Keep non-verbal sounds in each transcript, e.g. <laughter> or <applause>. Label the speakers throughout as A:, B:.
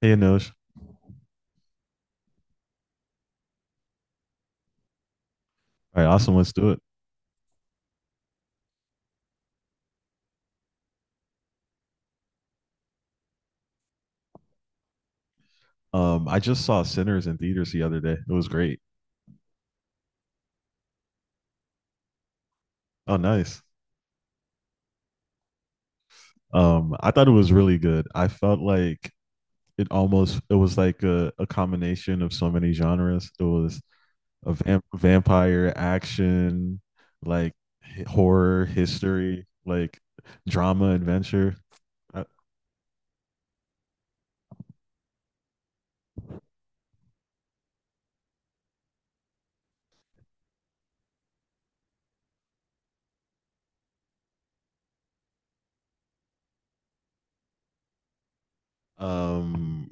A: Hey, Anosh. All right, awesome. Let's do it. I just saw Sinners in theaters the other day. It was great. Oh, nice. I thought it was really good. I felt like it was like a combination of so many genres. It was a vampire action, like horror, history, like drama, adventure. Um,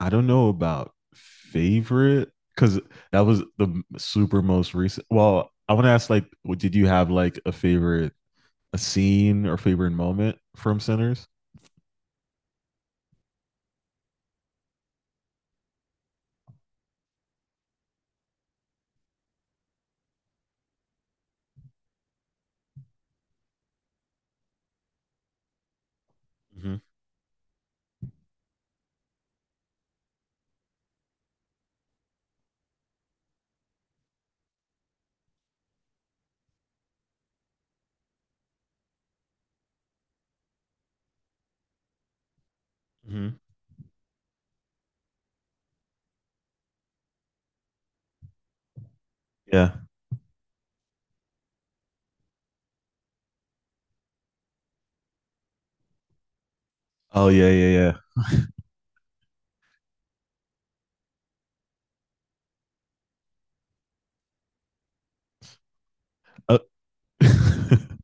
A: I don't know about favorite because that was the super most recent. Well, I want to ask, like, did you have like a scene or favorite moment from Sinners? Mm-hmm. Mm-hmm. Yeah. Oh yeah, yeah, yeah. Uh, <laughs>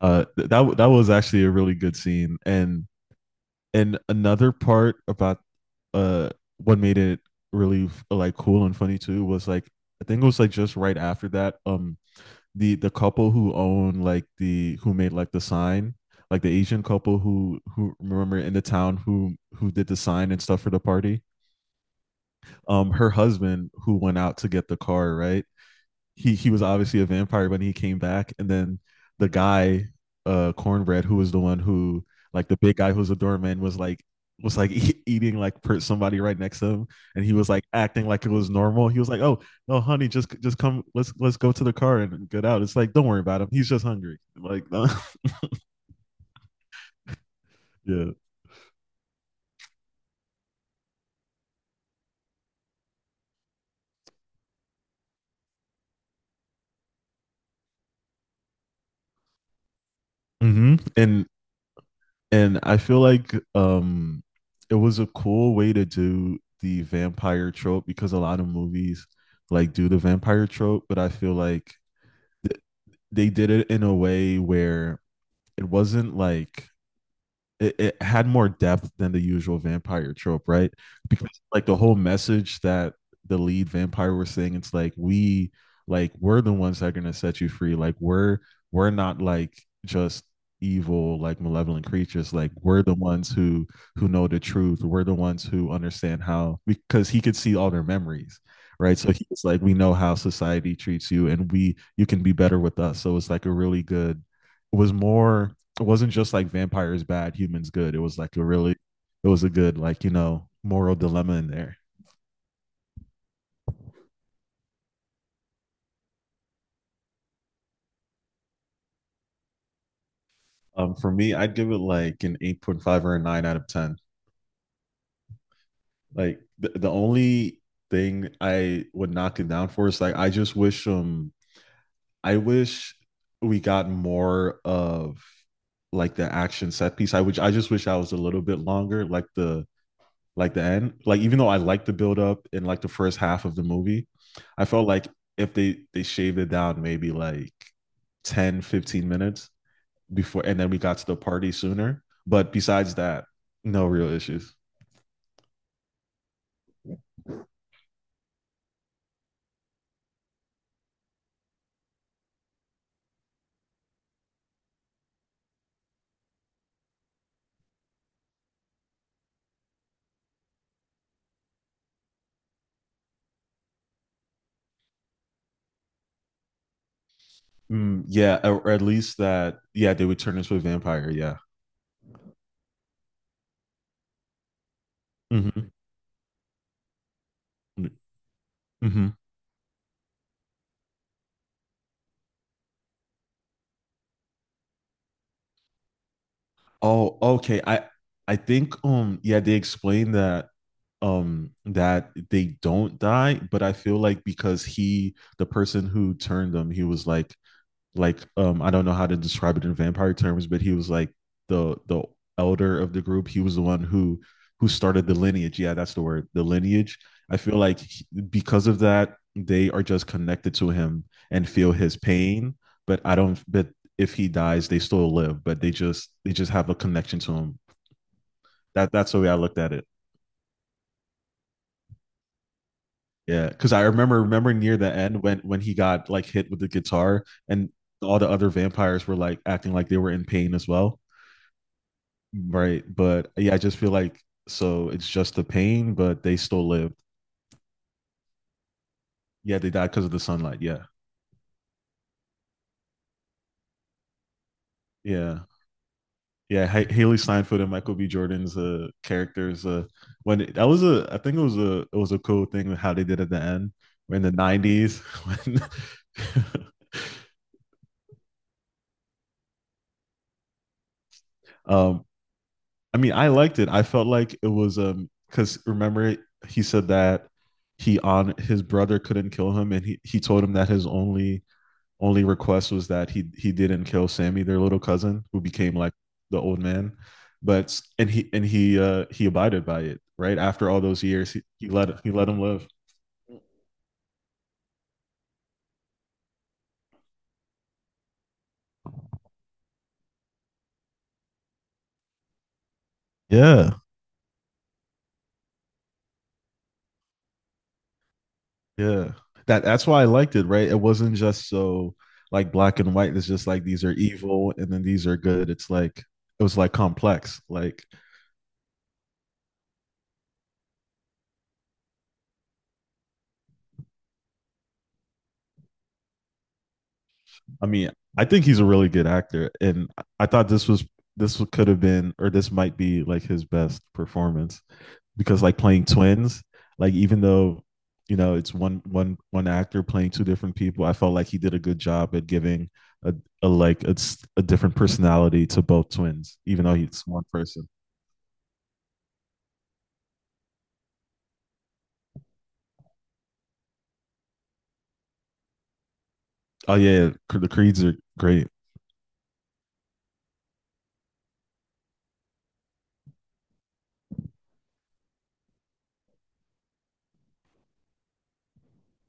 A: that was actually a really good scene, and another part about uh what made it really like cool and funny too was like I think it was like just right after that, the couple who own, like, the who made like the sign, like the Asian couple who remember in the town who did the sign and stuff for the party. Her husband who went out to get the car, right? He was obviously a vampire when he came back, and then the guy, Cornbread, who was the one who, like, the big guy who was a doorman, was like, <laughs> eating like somebody right next to him, and he was like acting like it was normal. He was like, "Oh no, honey, just come, let's go to the car and get out." It's like, don't worry about him. He's just hungry. Like, <laughs> yeah. Mm-hmm. And I feel like it was a cool way to do the vampire trope because a lot of movies like do the vampire trope, but I feel like th- they did it in a way where it wasn't like it had more depth than the usual vampire trope, right? Because, like, the whole message that the lead vampire was saying, it's like we, like, we're the ones that are gonna set you free. Like we're not like just evil, like malevolent creatures, like we're the ones who know the truth. We're the ones who understand how, because he could see all their memories, right? So he's like, we know how society treats you and we, you can be better with us. So it's like a really good, it was more, it wasn't just like vampires bad, humans good. It was like a really, it was a good, like, moral dilemma in there. For me, I'd give it like an 8.5 or a nine out of ten. Like the only thing I would knock it down for is like I just wish, I wish we got more of like the action set piece. I just wish I was a little bit longer, like the end. Like, even though I liked the build up in like the first half of the movie, I felt like if they shaved it down maybe like 10, 15 minutes before and then we got to the party sooner. But besides that, no real issues. Mm, yeah, or at least that, yeah, they would turn into a vampire, yeah. Mhm. Mhm. Oh, okay. I think, yeah, they explained that, that they don't die, but I feel like because he the person who turned them, he was like, I don't know how to describe it in vampire terms, but he was like the elder of the group. He was the one who started the lineage. Yeah, that's the word, the lineage. I feel like because of that, they are just connected to him and feel his pain. But I don't. But if he dies, they still live. But they just have a connection to him. That's the way I looked at it. Yeah, because I remember near the end when he got like hit with the guitar and all the other vampires were like acting like they were in pain as well. Right. But yeah, I just feel like, so it's just the pain, but they still lived. Yeah, they died because of the sunlight. Yeah. Yeah. Yeah. Haley Steinfeld and Michael B. Jordan's, characters. When it, that was a, I think, it was a cool thing with how they did at the end. We're in the '90s. <laughs> um, I mean, I liked it. I felt like it was, because, remember, he said that he on his brother couldn't kill him, and he told him that his only request was that he didn't kill Sammy, their little cousin, who became like the old man. But and he abided by it, right? After all those years, he let him live. Yeah. Yeah. That's why I liked it, right? It wasn't just so, like, black and white. It's just like, these are evil and then these are good. It's like it was like complex. Like, I mean, I think he's a really good actor and I thought this could have been, or this might be like his best performance, because like playing twins, like even though, it's one actor playing two different people, I felt like he did a good job at giving a, a like a, a different personality to both twins, even though he's one person. Oh yeah, the Creeds are great.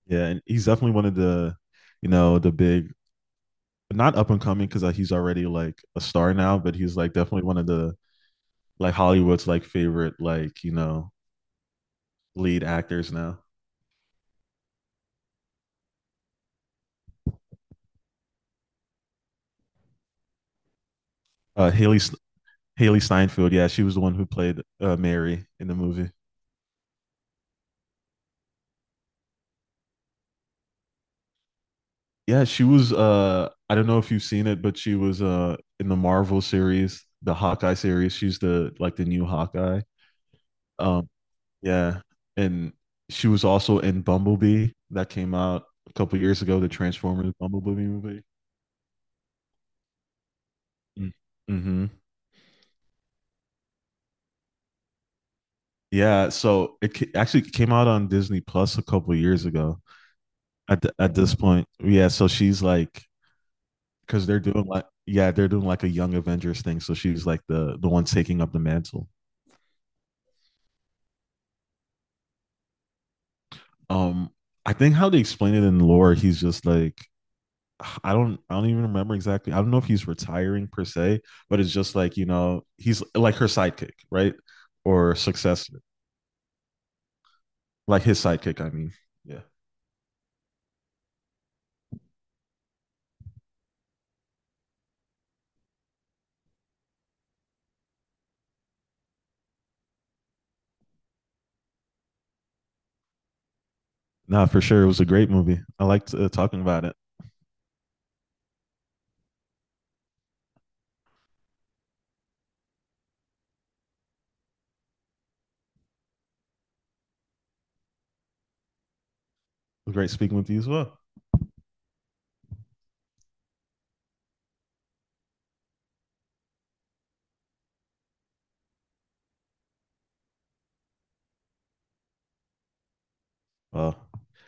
A: Yeah, and he's definitely one of the you know the big, not up and coming because he's already like a star now, but he's like definitely one of the, like, Hollywood's like favorite, like, lead actors now. Uh, Haley Haley Steinfeld. Yeah, she was the one who played, Mary in the movie. Yeah, she was. I don't know if you've seen it, but she was, in the Marvel series, the Hawkeye series. She's the new Hawkeye. Um, yeah, and she was also in Bumblebee that came out a couple years ago, the Transformers Bumblebee movie. Mm. Mm-hmm. Yeah, so it actually came out on Disney Plus a couple years ago. At this point, yeah. So she's like, because they're doing like, yeah, they're doing like a Young Avengers thing, so she's like the one taking up the mantle. um I think how they explain it in lore, he's just like, <sighs> I don't, even remember exactly. I don't know if he's retiring per se, but it's just like, he's like her sidekick, right? Or successor, like his sidekick, I mean. Yeah, nah, for sure, it was a great movie. I liked, talking about it. It was great speaking with you as well. Well,